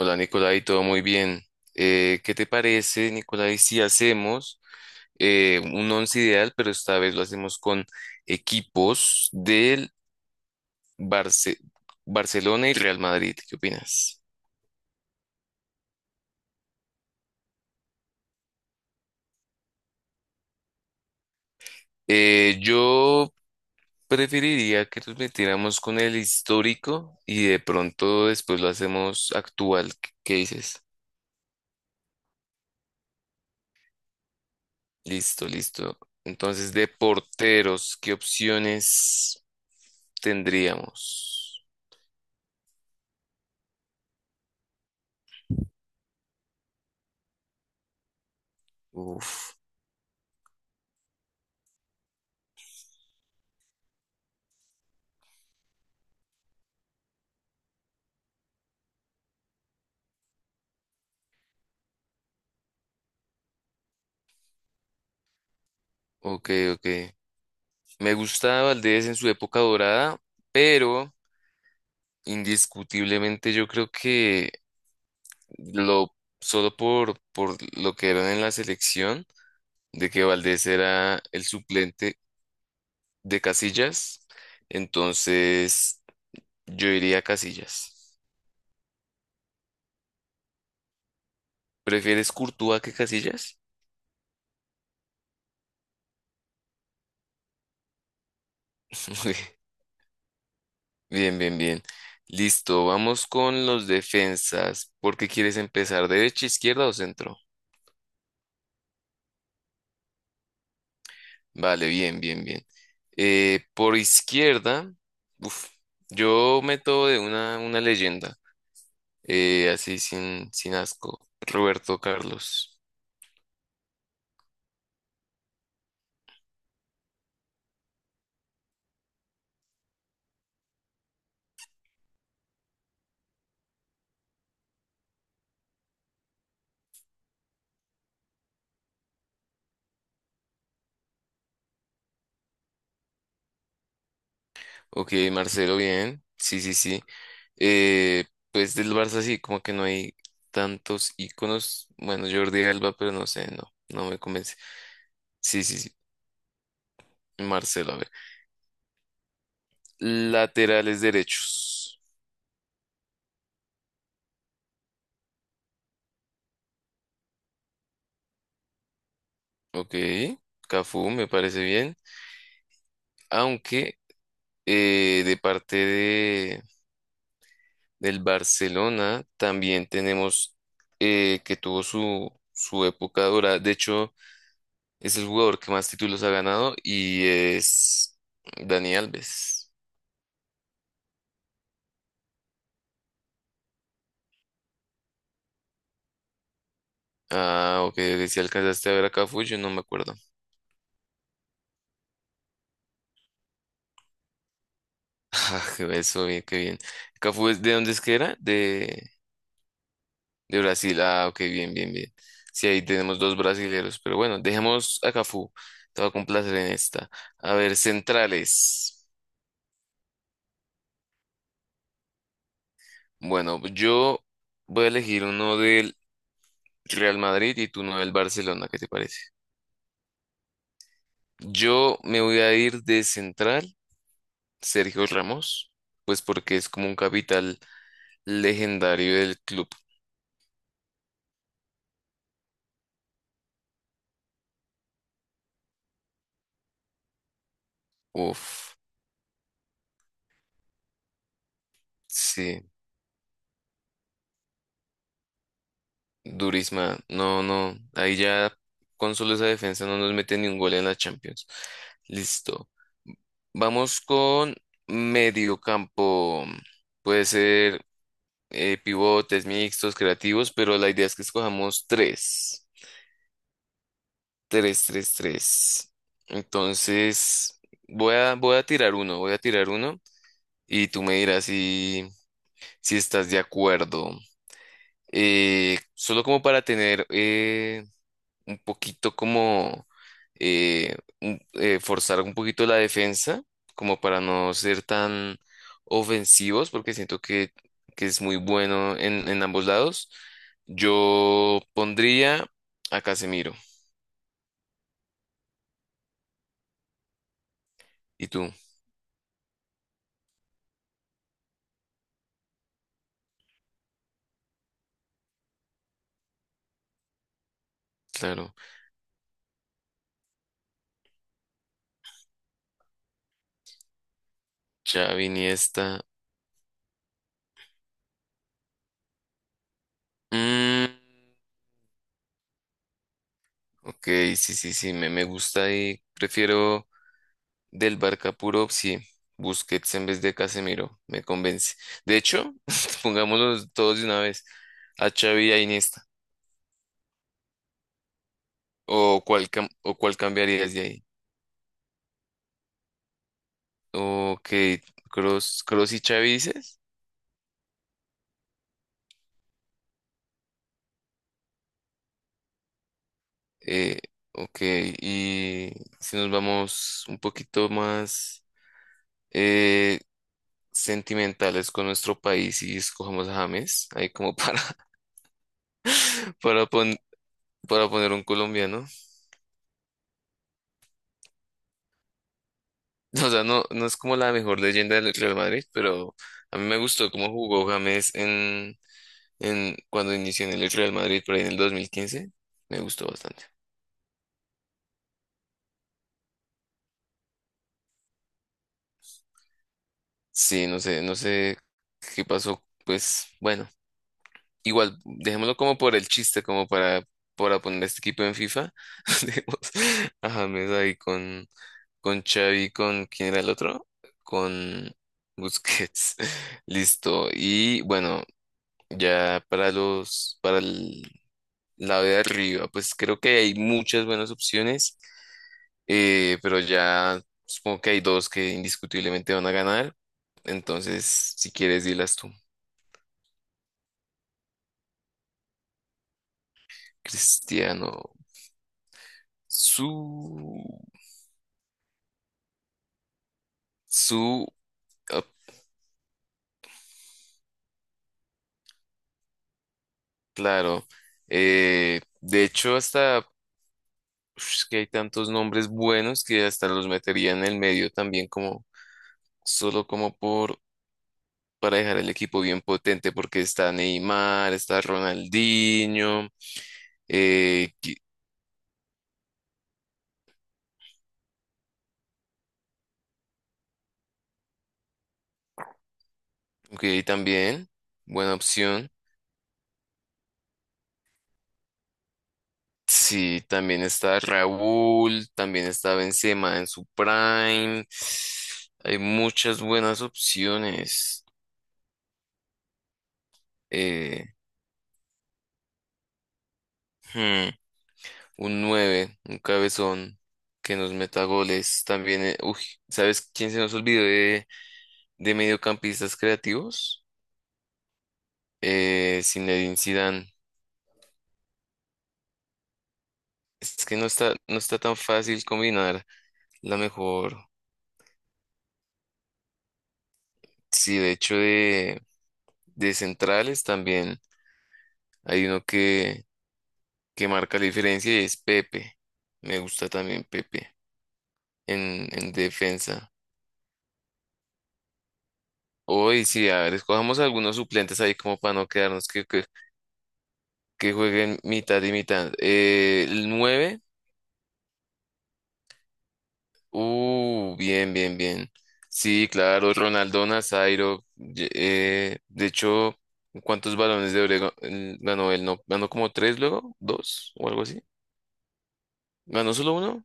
Hola Nicolai, todo muy bien. ¿Qué te parece, Nicolai, si hacemos un once ideal, pero esta vez lo hacemos con equipos del Barce- Barcelona y Real Madrid? ¿Qué opinas? Yo preferiría que nos metiéramos con el histórico y de pronto después lo hacemos actual. ¿Qué dices? Listo, listo. Entonces, de porteros, ¿qué opciones tendríamos? Uf. Ok, ok. Me gusta Valdés en su época dorada, pero indiscutiblemente yo creo que lo solo por lo que eran en la selección, de que Valdés era el suplente de Casillas, entonces yo iría a Casillas. ¿Prefieres Courtois que Casillas? Muy Bien, bien, bien. Listo, vamos con los defensas. ¿Por qué quieres empezar? ¿Derecha, izquierda o centro? Vale, bien, bien, bien. Por izquierda, uf, yo meto de una leyenda, así sin asco. Roberto Carlos. Ok, Marcelo, bien. Sí, sí, sí. Eh, pues del Barça sí, como que no hay tantos íconos. Bueno, Jordi Alba, pero no sé, no, no me convence. Sí, sí, sí. Marcelo, a ver. Laterales derechos. Ok, Cafú, me parece bien. Aunque de parte del Barcelona también tenemos que tuvo su época dura. De hecho, es el jugador que más títulos ha ganado y es Dani Alves. Ah, ok, ok, si alcanzaste a ver a Cafú, yo no me acuerdo. Ah, qué eso, bien, qué bien. Cafú, ¿de dónde es que era? De Brasil. Ah, ok, bien, bien, bien. Sí, ahí tenemos dos brasileros, pero bueno, dejemos a Cafú. Te va a complacer en esta. A ver, centrales. Bueno, yo voy a elegir uno del Real Madrid y tú uno del Barcelona, ¿qué te parece? Yo me voy a ir de central, Sergio Ramos, pues porque es como un capital legendario del club. Uf, sí, durísima. No, no, ahí ya con solo esa defensa no nos mete ni un gol en la Champions. Listo. Vamos con medio campo. Puede ser pivotes, mixtos, creativos, pero la idea es que escojamos tres. Tres, tres, tres. Entonces, voy a tirar uno y tú me dirás si estás de acuerdo. Solo como para tener un poquito como forzar un poquito la defensa, como para no ser tan ofensivos, porque siento que es muy bueno en ambos lados. Yo pondría a Casemiro. ¿Y tú? Claro. Xavi, Iniesta. Mm, ok, sí, sí, sí, me gusta y prefiero del Barca puro, sí. Busquets en vez de Casemiro, me convence. De hecho, pongámoslos todos de una vez. A Xavi y a Iniesta? ¿O cuál cambiarías de ahí? Ok, Cross, Cross y Xavi dices. Eh, ok, y si nos vamos un poquito más eh, sentimentales con nuestro país y escojamos a James, ahí como para, para, pon- para poner un colombiano. O sea, no, no es como la mejor leyenda del Real Madrid, pero a mí me gustó cómo jugó James en cuando inició en el Real Madrid por ahí en el 2015. Me gustó bastante. Sí, no sé, no sé qué pasó. Pues bueno, igual, dejémoslo como por el chiste, como para poner este equipo en FIFA. Dejemos a James ahí con Xavi, con ¿quién era el otro? Con Busquets. Listo. Y bueno, ya para el lado de arriba, pues creo que hay muchas buenas opciones, pero ya supongo que hay dos que indiscutiblemente van a ganar. Entonces, si quieres, dilas tú. Cristiano, su, su, ah, claro. De hecho, hasta uf, es que hay tantos nombres buenos que hasta los metería en el medio también como solo como por para dejar el equipo bien potente porque está Neymar, está Ronaldinho, eh, que que también buena opción. Sí, también está Raúl, también está Benzema en su prime. Hay muchas buenas opciones. Eh, hmm, un nueve un cabezón que nos meta goles. También, uy, ¿sabes quién se nos olvidó de mediocampistas creativos? Zinedine Zidane. Es que no está, no está tan fácil combinar la mejor. Sí, de hecho, de centrales también hay uno que marca la diferencia y es Pepe. Me gusta también Pepe en defensa. Hoy sí, a ver, escojamos algunos suplentes ahí como para no quedarnos que jueguen mitad y mitad. El 9 bien, bien, bien. Sí, claro, Ronaldo Nazairo. De hecho, ¿cuántos balones de Oro ganó él? ¿No? ¿Ganó como tres luego? ¿Dos? ¿O algo así? ¿Ganó solo uno?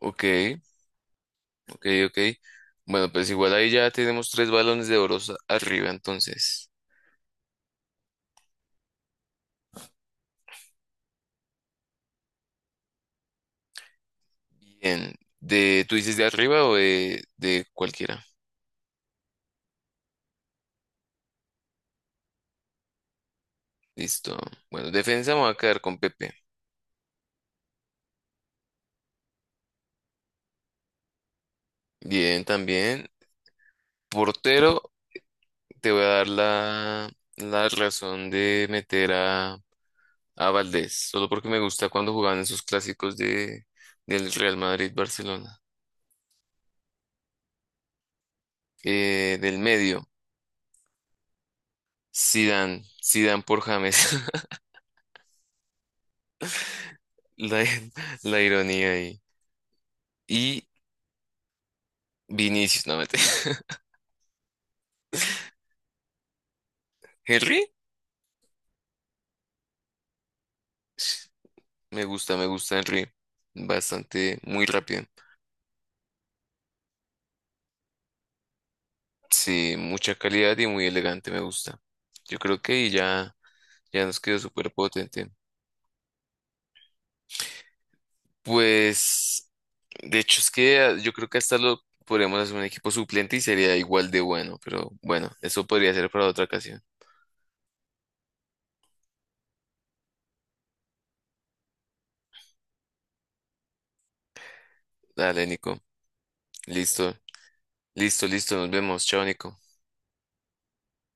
Ok. Ok, ok. Bueno, pues igual ahí ya tenemos tres balones de oro arriba, entonces. Bien. ¿Tú dices de arriba o de cualquiera? Listo. Bueno, defensa me voy a quedar con Pepe. Bien, también. Portero, te voy a dar la razón de meter a Valdés, solo porque me gusta cuando jugaban esos clásicos del Real Madrid-Barcelona. Del medio, Zidane, Zidane por James. La, la ironía ahí. Y Vinicius, no mete. Henry, me gusta Henry. Bastante, muy rápido. Sí, mucha calidad y muy elegante, me gusta. Yo creo que ahí ya nos quedó súper potente. Pues, de hecho, es que yo creo que hasta lo podríamos hacer un equipo suplente y sería igual de bueno, pero bueno, eso podría ser para otra ocasión. Dale, Nico. Listo, listo, listo. Nos vemos. Chao, Nico.